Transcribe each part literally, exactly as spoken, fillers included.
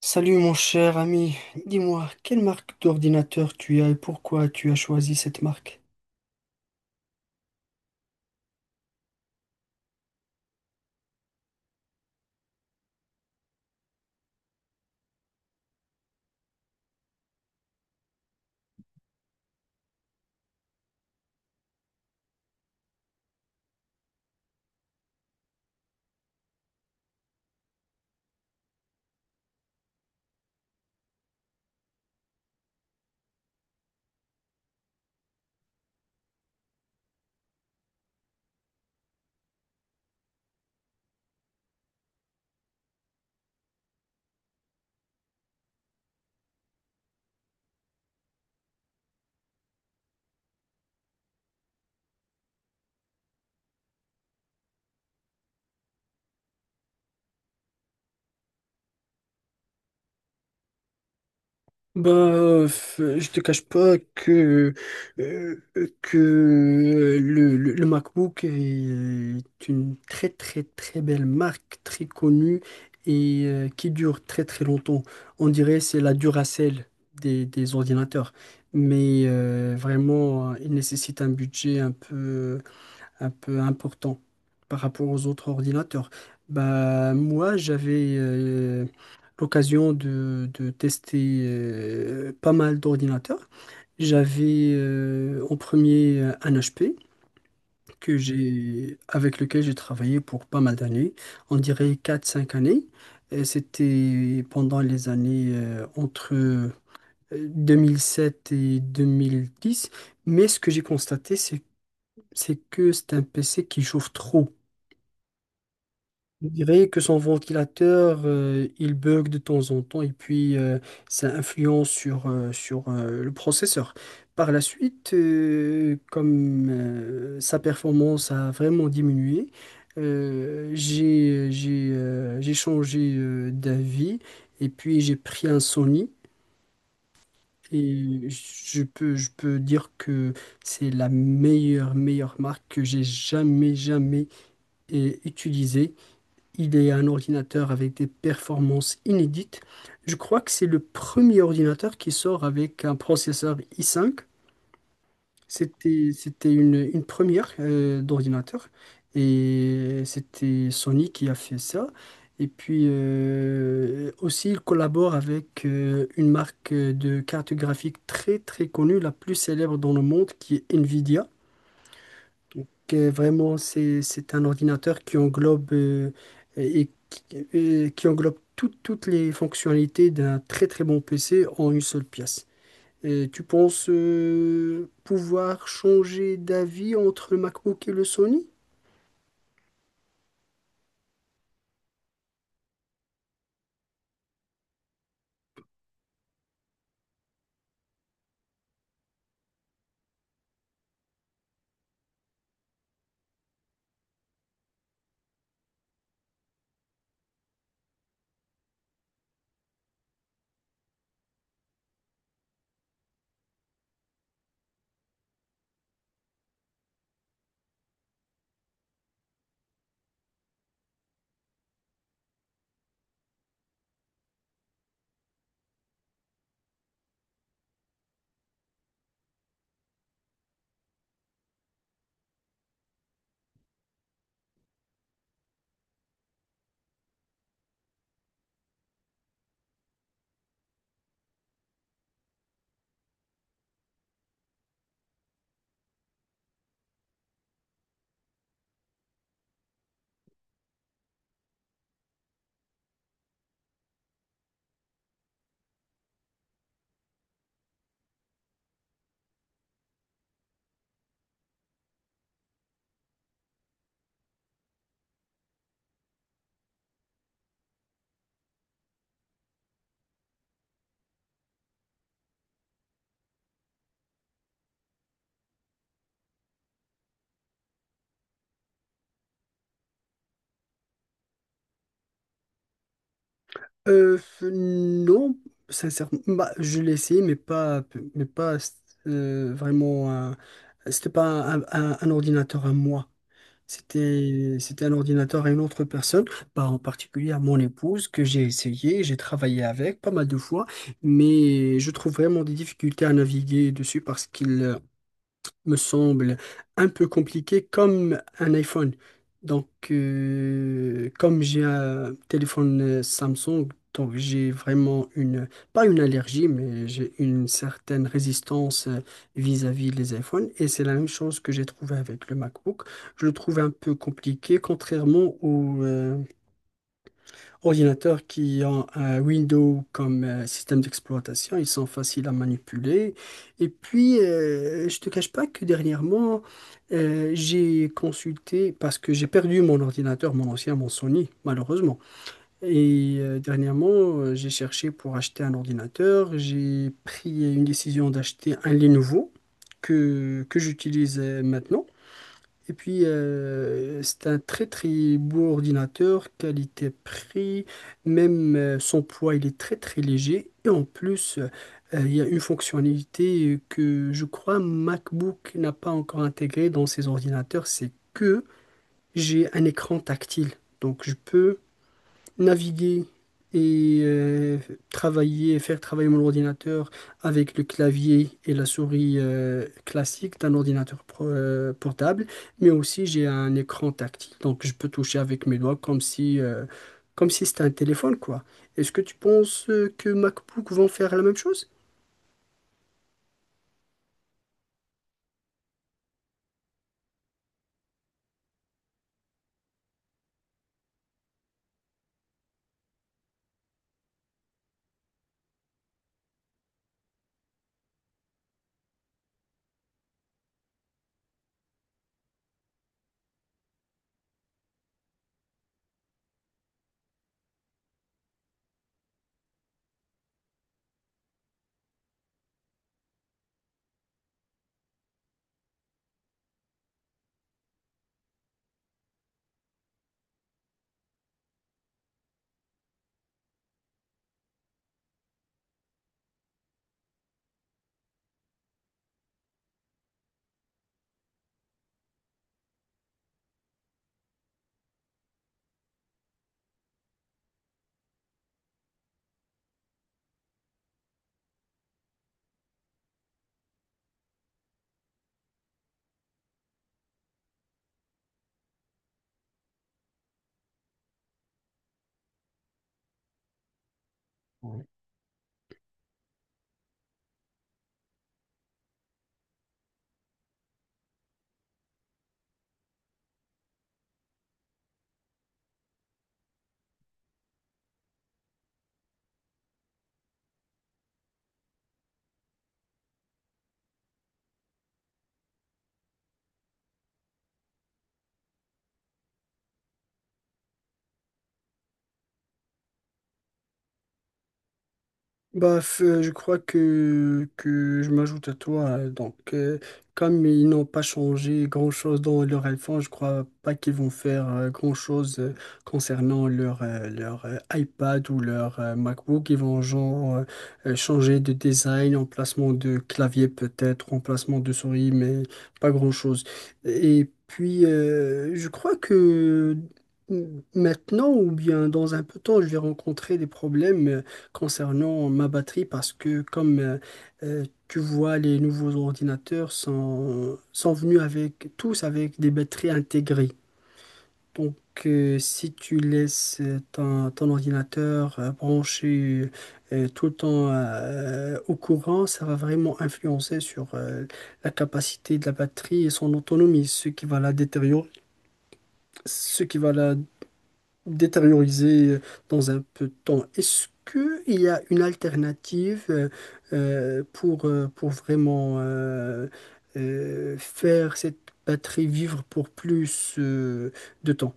Salut mon cher ami, dis-moi, quelle marque d'ordinateur tu as et pourquoi tu as choisi cette marque? Bah, euh, je te cache pas que, euh, que euh, le, le- le MacBook est une très très très belle marque, très connue et euh, qui dure très très longtemps. On dirait c'est la Duracell des, des ordinateurs. Mais euh, vraiment, il nécessite un budget un peu un peu important par rapport aux autres ordinateurs. Bah, moi, j'avais euh, l'occasion de, de tester euh, pas mal d'ordinateurs. J'avais euh, en premier euh, un H P que j'ai, avec lequel j'ai travaillé pour pas mal d'années, on dirait quatre cinq années. Et c'était pendant les années euh, entre euh, deux mille sept et deux mille dix. Mais ce que j'ai constaté, c'est c'est que c'est un P C qui chauffe trop. Je dirais que son ventilateur, euh, il bug de temps en temps et puis euh, ça influence sur, euh, sur euh, le processeur. Par la suite, euh, comme euh, sa performance a vraiment diminué, euh, j'ai, j'ai, euh, j'ai changé euh, d'avis et puis j'ai pris un Sony. Et je peux, je peux dire que c'est la meilleure, meilleure marque que j'ai jamais, jamais euh, utilisée. Il est un ordinateur avec des performances inédites. Je crois que c'est le premier ordinateur qui sort avec un processeur i cinq. C'était, c'était une, une première euh, d'ordinateur. Et c'était Sony qui a fait ça. Et puis euh, aussi, il collabore avec euh, une marque de cartes graphiques très très connue, la plus célèbre dans le monde, qui est Nvidia. Donc, euh, vraiment, c'est, c'est un ordinateur qui englobe, euh, et, qui euh, qui englobe toutes toutes les fonctionnalités d'un très très bon P C en une seule pièce. Et tu penses euh, pouvoir changer d'avis entre le MacBook et le Sony? Euh, non, sincèrement, bah, je l'ai essayé, mais pas, mais pas euh, vraiment. un- C'était pas un, un- un ordinateur à moi. C'était, c'était un ordinateur à une autre personne, pas en particulier à mon épouse, que j'ai essayé, j'ai travaillé avec pas mal de fois, mais je trouve vraiment des difficultés à naviguer dessus parce qu'il, euh, me semble un peu compliqué comme un iPhone. Donc, euh, comme j'ai un téléphone euh, Samsung, donc j'ai vraiment une, pas une allergie, mais j'ai une certaine résistance euh, vis-à-vis des iPhones. Et c'est la même chose que j'ai trouvé avec le MacBook. Je le trouve un peu compliqué, contrairement au, euh, ordinateurs qui ont un Windows comme euh, système d'exploitation, ils sont faciles à manipuler. Et puis, euh, je te cache pas que dernièrement, euh, j'ai consulté, parce que j'ai perdu mon ordinateur, mon ancien, mon Sony, malheureusement. Et euh, dernièrement, euh, j'ai cherché pour acheter un ordinateur. J'ai pris une décision d'acheter un Lenovo que, que j'utilise euh, maintenant. Et puis, euh, c'est un très très beau ordinateur, qualité-prix, même euh, son poids, il est très très léger. Et en plus, euh, il y a une fonctionnalité que je crois MacBook n'a pas encore intégrée dans ses ordinateurs, c'est que j'ai un écran tactile. Donc, je peux naviguer et euh, travailler, faire travailler mon ordinateur avec le clavier et la souris euh, classique d'un ordinateur pro- euh, portable, mais aussi j'ai un écran tactile, donc je peux toucher avec mes doigts comme si, euh, comme si c'était un téléphone, quoi. Est-ce que tu penses euh, que MacBook vont faire la même chose? Bah, f- euh, je crois que, que je m'ajoute à toi. euh, Donc, euh, comme ils n'ont pas changé grand-chose dans leur iPhone, je crois pas qu'ils vont faire euh, grand-chose euh, concernant leur, euh, leur euh, iPad ou leur euh, MacBook. Ils vont genre euh, euh, changer de design, emplacement de clavier peut-être, emplacement de souris, mais pas grand-chose. Et puis, euh, je crois que maintenant ou bien dans un peu de temps, je vais rencontrer des problèmes. Euh, concernant ma batterie parce que comme euh, euh, tu vois, les nouveaux ordinateurs sont, sont venus avec tous avec des batteries intégrées. Donc euh, si tu laisses euh, ton, ton ordinateur euh, branché euh, tout le temps euh, au courant, ça va vraiment influencer sur euh, la capacité de la batterie et son autonomie, ce qui va la détériorer, ce qui va la détériorisé dans un peu de temps. Est-ce qu'il y a une alternative euh, euh, pour, euh, pour vraiment euh, euh, faire cette batterie vivre pour plus euh, de temps?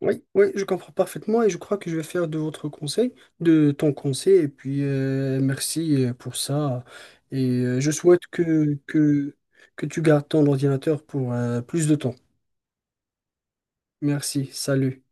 Oui, oui, je comprends parfaitement et je crois que je vais faire de votre conseil, de ton conseil, et puis euh, merci euh, pour ça. Et euh, je souhaite que, que, que tu gardes ton ordinateur pour euh, plus de temps. Merci, salut.